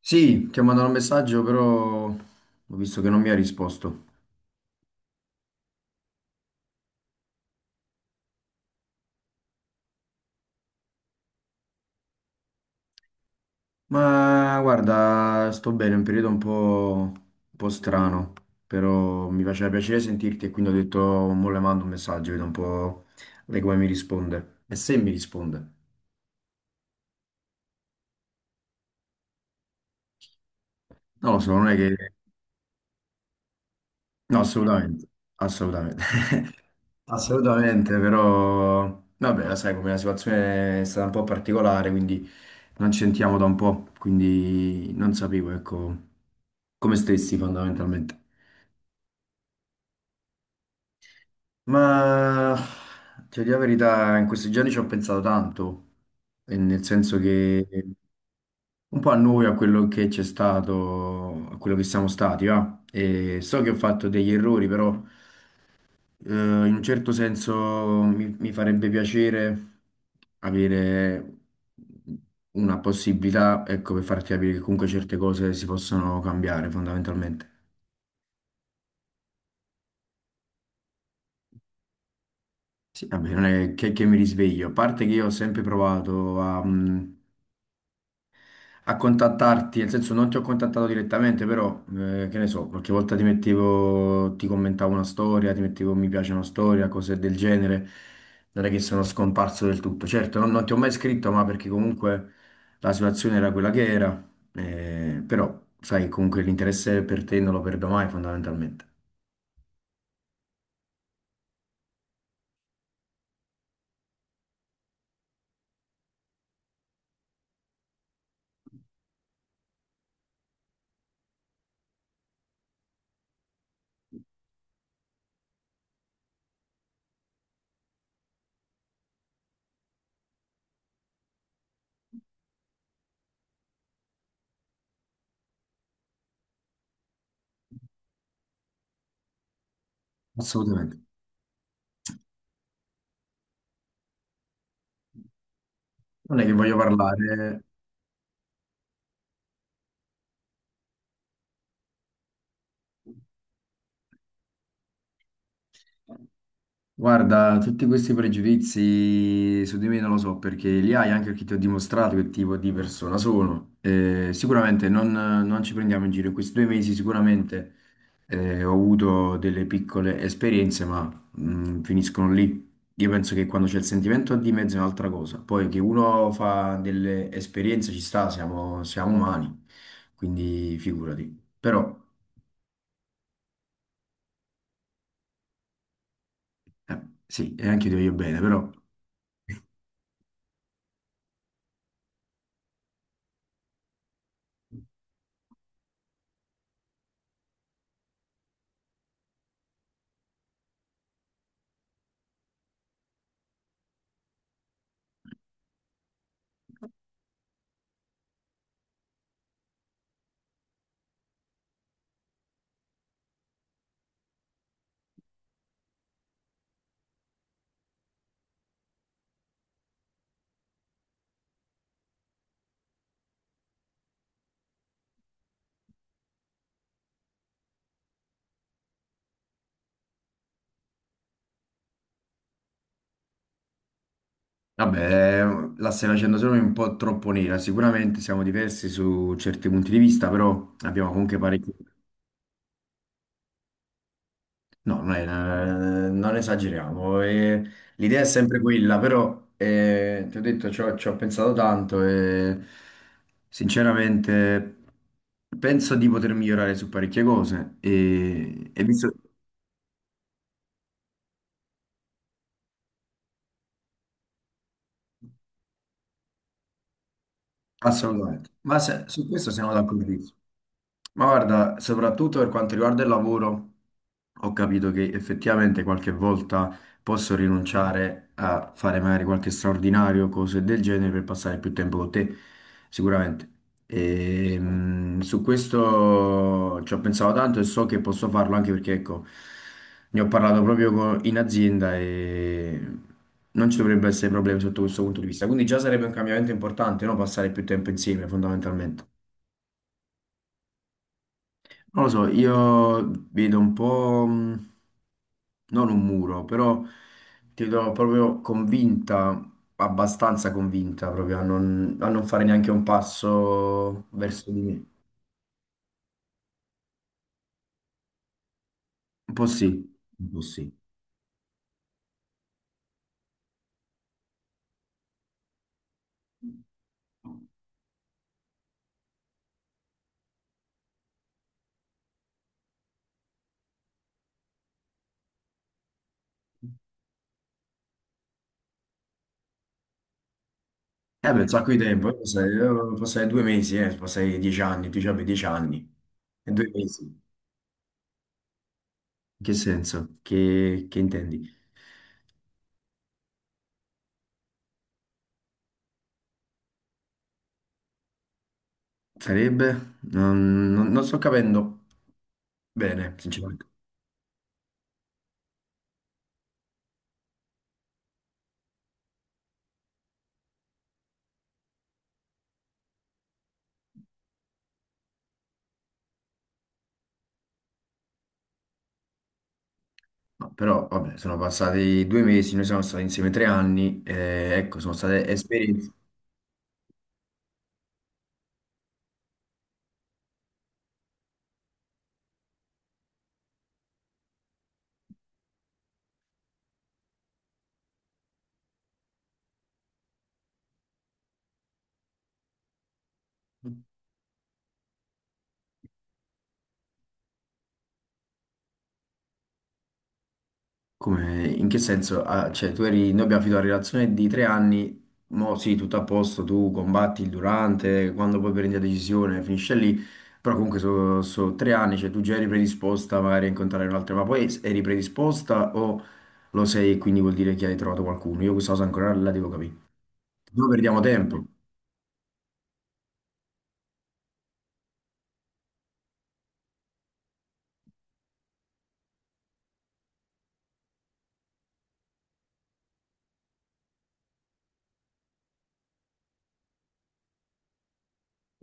Sì, ti ho mandato un messaggio, però ho visto che non mi ha risposto. Ma guarda, sto bene, è un periodo un po' strano, però mi faceva piacere sentirti e quindi ho detto, mo le mando un messaggio, vedo un po' lei come mi risponde. E se mi risponde? Non lo so, non è che. Mm. No, assolutamente, assolutamente, assolutamente, però vabbè, la sai come la situazione è stata un po' particolare, quindi non ci sentiamo da un po', quindi non sapevo, ecco, come stessi fondamentalmente. Ma ti dico la verità, in questi giorni ci ho pensato tanto, e nel senso che un po' a noi, a quello che c'è stato, a quello che siamo stati, va? E so che ho fatto degli errori, però. In un certo senso mi farebbe piacere avere una possibilità, ecco, per farti capire che comunque certe cose si possono cambiare fondamentalmente. Sì, vabbè, non è che mi risveglio, a parte che io ho sempre provato a, a contattarti, nel senso non ti ho contattato direttamente, però che ne so, qualche volta ti mettevo, ti commentavo una storia, ti mettevo un mi piace una storia, cose del genere, non è che sono scomparso del tutto. Certo, non ti ho mai scritto, ma perché comunque la situazione era quella che era, però sai, comunque l'interesse per te non lo perdo mai fondamentalmente. Assolutamente. Non è che voglio parlare. Guarda, tutti questi pregiudizi su di me non lo so perché li hai anche perché ti ho dimostrato che tipo di persona sono. Sicuramente non ci prendiamo in giro. In questi 2 mesi sicuramente ho avuto delle piccole esperienze, ma finiscono lì. Io penso che quando c'è il sentimento di mezzo è un'altra cosa. Poi che uno fa delle esperienze ci sta, siamo umani, quindi figurati. Però, eh, sì, e anche io ti voglio bene, però. Vabbè, la stai facendo solo un po' troppo nera. Sicuramente siamo diversi su certi punti di vista, però abbiamo comunque parecchi. No, non esageriamo. L'idea è sempre quella, però ti ho detto, ci ho pensato tanto e sinceramente penso di poter migliorare su parecchie cose e visto. Assolutamente. Ma su questo siamo d'accordo. Ma guarda, soprattutto per quanto riguarda il lavoro, ho capito che effettivamente qualche volta posso rinunciare a fare magari qualche straordinario, cose del genere, per passare più tempo con te, sicuramente. E, su questo ci ho pensato tanto e so che posso farlo anche perché, ecco, ne ho parlato proprio in azienda e non ci dovrebbe essere problemi sotto questo punto di vista. Quindi già sarebbe un cambiamento importante, no? Passare più tempo insieme, fondamentalmente. Non lo so, io vedo un po', non un muro, però ti vedo proprio convinta, abbastanza convinta proprio a non fare neanche un passo verso di me. Un po' sì, un po' sì. Eh beh, un sacco di tempo, io passai 2 mesi, passai 10 anni, tu avevi 10 anni, e 2 mesi. In che senso? Che intendi? Sarebbe? Non sto capendo bene, sinceramente. No, però vabbè, sono passati 2 mesi, noi siamo stati insieme 3 anni, ecco, sono state esperienze. Come, in che senso? Ah, cioè, tu eri, noi abbiamo finito la relazione di 3 anni, mo sì, tutto a posto, tu combatti il durante, quando poi prendi la decisione finisce lì, però comunque sono 3 anni, cioè tu già eri predisposta magari a incontrare un'altra, ma poi eri predisposta o lo sei e quindi vuol dire che hai trovato qualcuno? Io questa cosa ancora la devo capire. Noi perdiamo tempo, in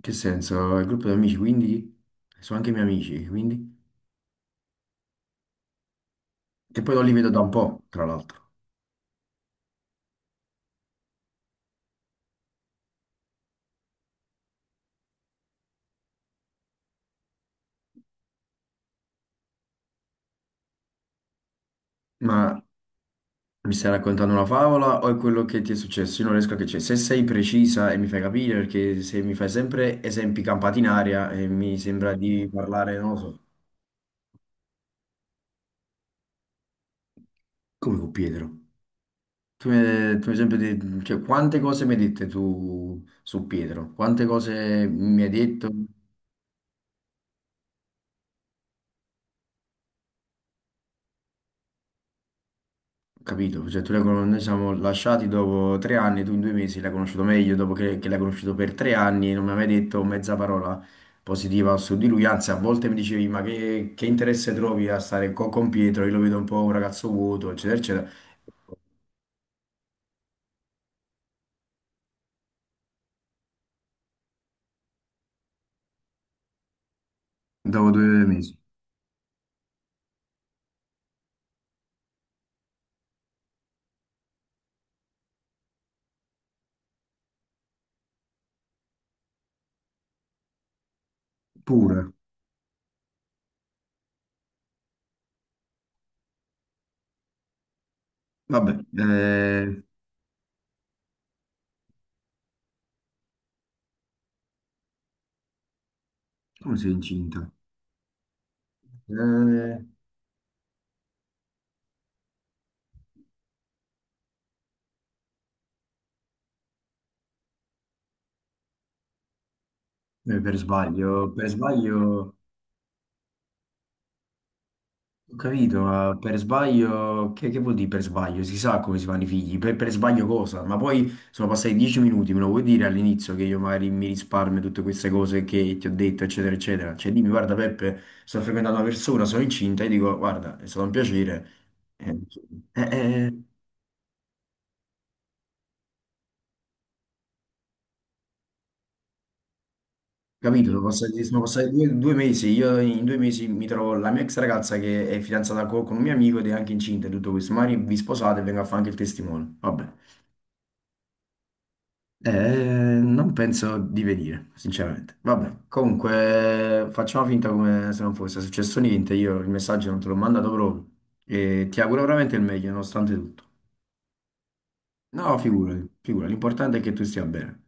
che senso? Il gruppo di amici, quindi? Sono anche i miei amici, quindi? Che poi non li vedo da un po', tra l'altro. Ma mi stai raccontando una favola o è quello che ti è successo? Io non riesco a capire. Se sei precisa e mi fai capire, perché se mi fai sempre esempi campati in aria e mi sembra di parlare, non lo so, come con Pietro. Tu mi, tu mi hai sempre detto, cioè, quante cose mi hai dette tu su Pietro? Quante cose mi hai detto? Capito? Cioè, tu l'hai noi siamo lasciati dopo 3 anni, tu in 2 mesi l'hai conosciuto meglio dopo che l'hai conosciuto per 3 anni e non mi hai mai detto mezza parola positiva su di lui, anzi a volte mi dicevi ma che interesse trovi a stare con Pietro, io lo vedo un po' un ragazzo vuoto, eccetera, eccetera. Dopo 2 mesi, pure. Vabbè, eh, come sei incinta? Eh, per sbaglio, per sbaglio. Ho capito, ma per sbaglio, che vuol dire per sbaglio? Si sa come si fanno i figli, per sbaglio cosa? Ma poi sono passati 10 minuti, me lo vuoi dire all'inizio che io magari mi risparmio tutte queste cose che ti ho detto, eccetera, eccetera. Cioè dimmi, guarda Peppe, sto frequentando una persona, sono incinta, e dico, guarda, è stato un piacere. Eh, eh, eh, capito, sono passati due mesi, io in 2 mesi mi trovo la mia ex ragazza che è fidanzata con, un mio amico ed è anche incinta e tutto questo, magari vi sposate e vengo a fare anche il testimone. Vabbè. Non penso di venire, sinceramente. Vabbè, comunque facciamo finta come se non fosse successo niente. Io il messaggio non te l'ho mandato proprio e ti auguro veramente il meglio, nonostante tutto. No, figurati, figurati, l'importante è che tu stia bene.